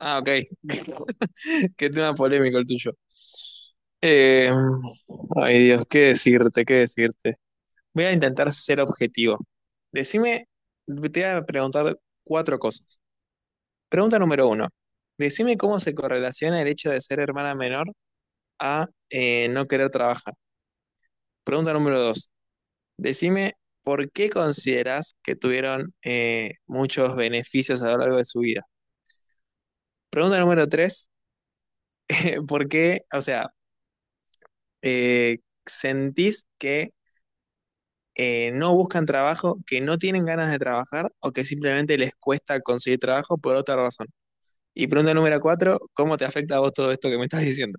Ah, ok. Qué tema polémico el tuyo. Eh, Ay Dios, qué decirte, qué decirte. Voy a intentar ser objetivo. Decime, te voy a preguntar cuatro cosas. Pregunta número uno. Decime cómo se correlaciona el hecho de ser hermana menor a no querer trabajar. Pregunta número dos. Decime por qué consideras que tuvieron muchos beneficios a lo largo de su vida. Pregunta número tres. ¿Por qué? O sea, eh, ¿sentís que no buscan trabajo, que no tienen ganas de trabajar o que simplemente les cuesta conseguir trabajo por otra razón? Y pregunta número cuatro, ¿cómo te afecta a vos todo esto que me estás diciendo?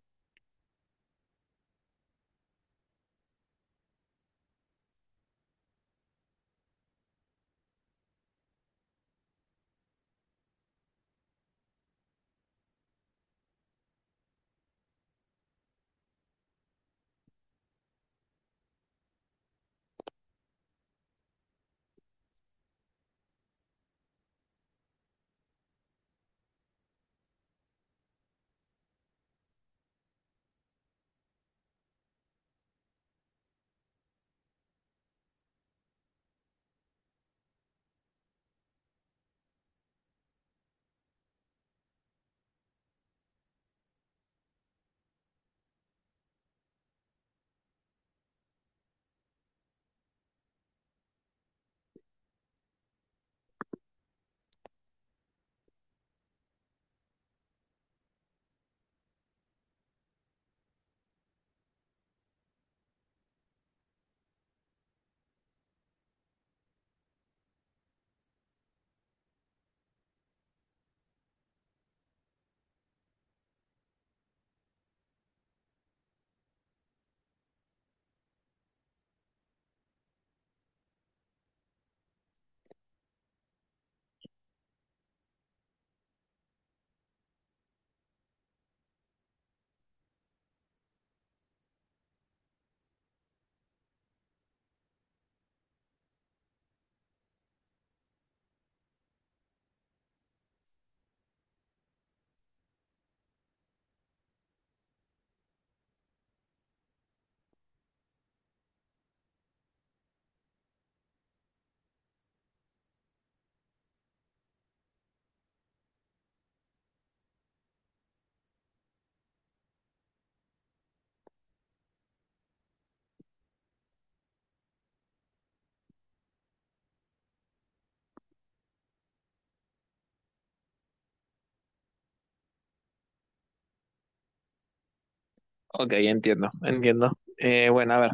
Ok, entiendo, entiendo. Bueno, a ver.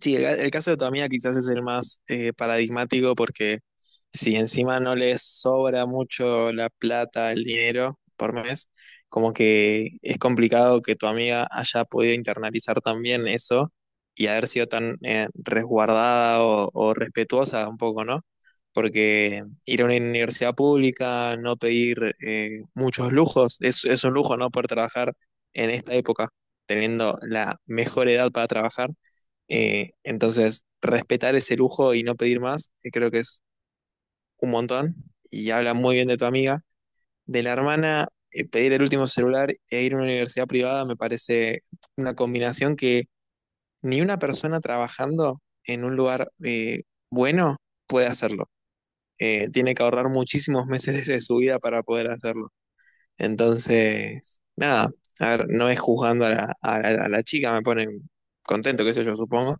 Sí, el caso de tu amiga quizás es el más paradigmático, porque si encima no les sobra mucho la plata, el dinero por mes, como que es complicado que tu amiga haya podido internalizar también eso y haber sido tan resguardada o respetuosa un poco, ¿no? Porque ir a una universidad pública, no pedir muchos lujos, es un lujo, ¿no? Poder trabajar en esta época, teniendo la mejor edad para trabajar, entonces, respetar ese lujo y no pedir más, que creo que es un montón, y habla muy bien de tu amiga. De la hermana, pedir el último celular e ir a una universidad privada me parece una combinación que ni una persona trabajando en un lugar, bueno, puede hacerlo. Tiene que ahorrar muchísimos meses de su vida para poder hacerlo. Entonces, nada, a ver, no es juzgando a la, a la chica, me ponen contento, qué sé yo, supongo.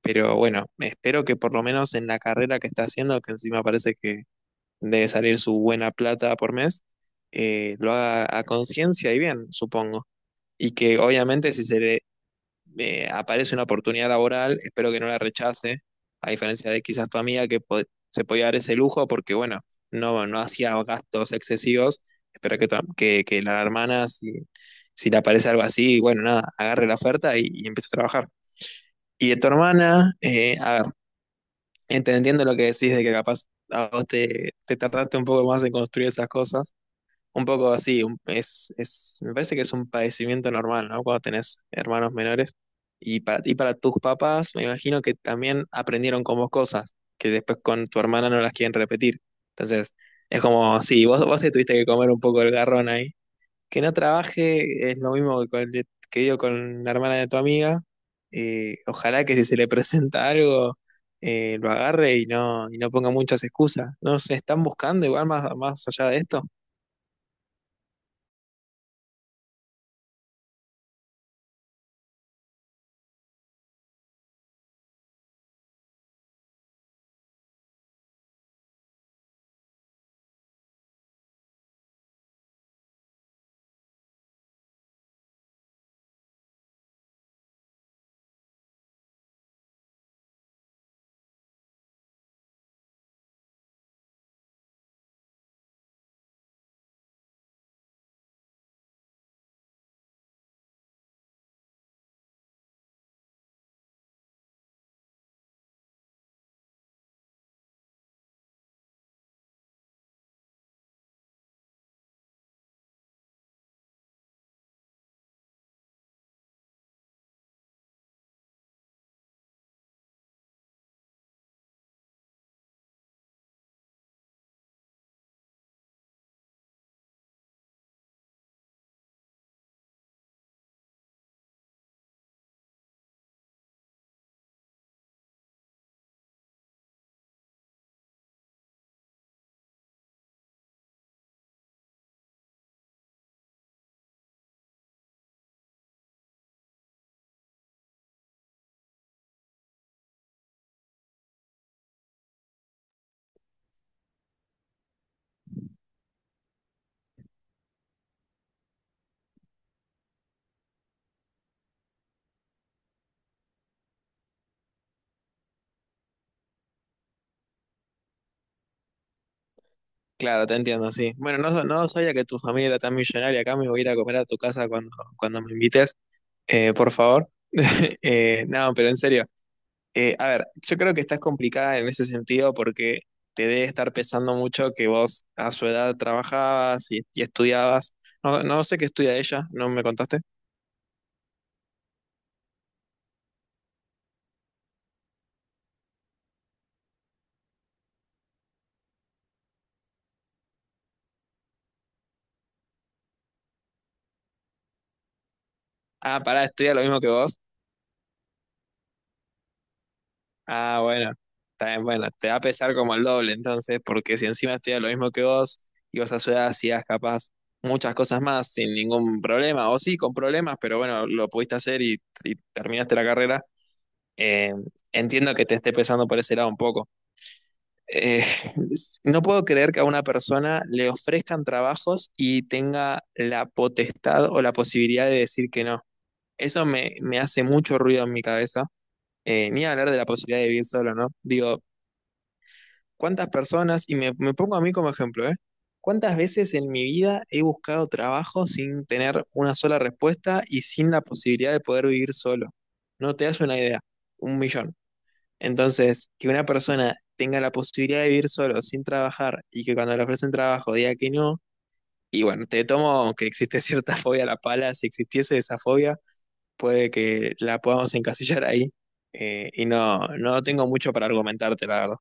Pero bueno, espero que por lo menos en la carrera que está haciendo, que encima parece que debe salir su buena plata por mes, lo haga a conciencia y bien, supongo. Y que obviamente si se le aparece una oportunidad laboral, espero que no la rechace, a diferencia de quizás tu amiga que se podía dar ese lujo porque, bueno, no, no hacía gastos excesivos. Espero que, que la hermana, si, si le aparece algo así, bueno, nada, agarre la oferta y empiece a trabajar. Y de tu hermana, a ver. Entendiendo lo que decís de que capaz a vos te, te tardaste un poco más en construir esas cosas, un poco así, es, me parece que es un padecimiento normal, ¿no? Cuando tenés hermanos menores y para tus papás, me imagino que también aprendieron con vos cosas que después con tu hermana no las quieren repetir. Entonces, es como, sí, vos te tuviste que comer un poco el garrón ahí, que no trabaje es lo mismo que, que digo con la hermana de tu amiga. Ojalá que si se le presenta algo, lo agarre y no ponga muchas excusas. No se están buscando igual más, más allá de esto. Claro, te entiendo, sí. Bueno, no, no sabía que tu familia era tan millonaria. Acá me voy a ir a comer a tu casa cuando, cuando me invites, por favor. No, pero en serio. A ver, yo creo que estás complicada en ese sentido porque te debe estar pesando mucho que vos a su edad trabajabas y estudiabas. No, no sé qué estudia ella, ¿no me contaste? Ah, pará, estudia lo mismo que vos. Ah, bueno, está bien, bueno, te va a pesar como el doble entonces, porque si encima estudia lo mismo que vos y vos a su edad hacías capaz muchas cosas más sin ningún problema, o sí, con problemas, pero bueno, lo pudiste hacer y terminaste la carrera. Eh, Entiendo que te esté pesando por ese lado un poco. Eh, no puedo creer que a una persona le ofrezcan trabajos y tenga la potestad o la posibilidad de decir que no. Eso me, me hace mucho ruido en mi cabeza. Ni hablar de la posibilidad de vivir solo, ¿no? Digo, ¿cuántas personas, y me pongo a mí como ejemplo, ¿eh? ¿Cuántas veces en mi vida he buscado trabajo sin tener una sola respuesta y sin la posibilidad de poder vivir solo? No te das una idea, un millón. Entonces, que una persona tenga la posibilidad de vivir solo sin trabajar y que cuando le ofrecen trabajo diga que no, y bueno, te tomo que existe cierta fobia a la pala, si existiese esa fobia, puede que la podamos encasillar ahí. Y no, no tengo mucho para argumentarte, la verdad.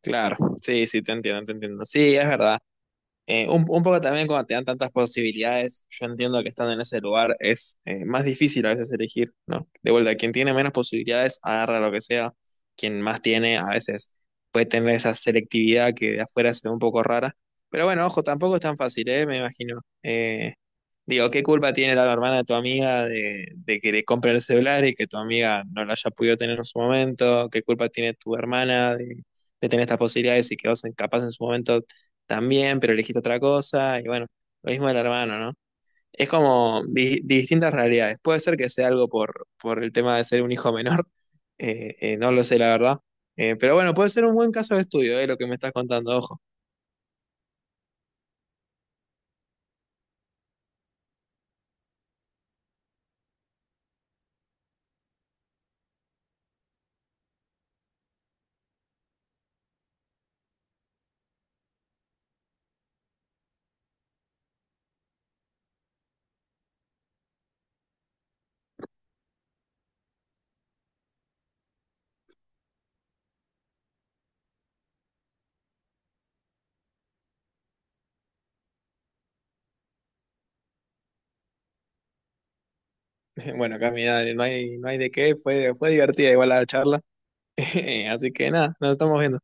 Claro, sí, sí, te entiendo, te entiendo. Sí, es verdad. Un poco también cuando te dan tantas posibilidades, yo entiendo que estando en ese lugar es más difícil a veces elegir, ¿no? De vuelta, quien tiene menos posibilidades agarra lo que sea, quien más tiene a veces puede tener esa selectividad que de afuera se ve un poco rara, pero bueno, ojo, tampoco es tan fácil, ¿eh? Me imagino. Digo, ¿qué culpa tiene la hermana de tu amiga de que le compre el celular y que tu amiga no lo haya podido tener en su momento? ¿Qué culpa tiene tu hermana de tener estas posibilidades y que vos capaz en su momento también, pero elegiste otra cosa? Y bueno, lo mismo del hermano, ¿no? Es como distintas realidades. Puede ser que sea algo por el tema de ser un hijo menor, no lo sé, la verdad. Pero bueno, puede ser un buen caso de estudio, lo que me estás contando, ojo. Bueno, Cami, dale, no hay de qué, fue divertida igual la charla. Así que nada, nos estamos viendo.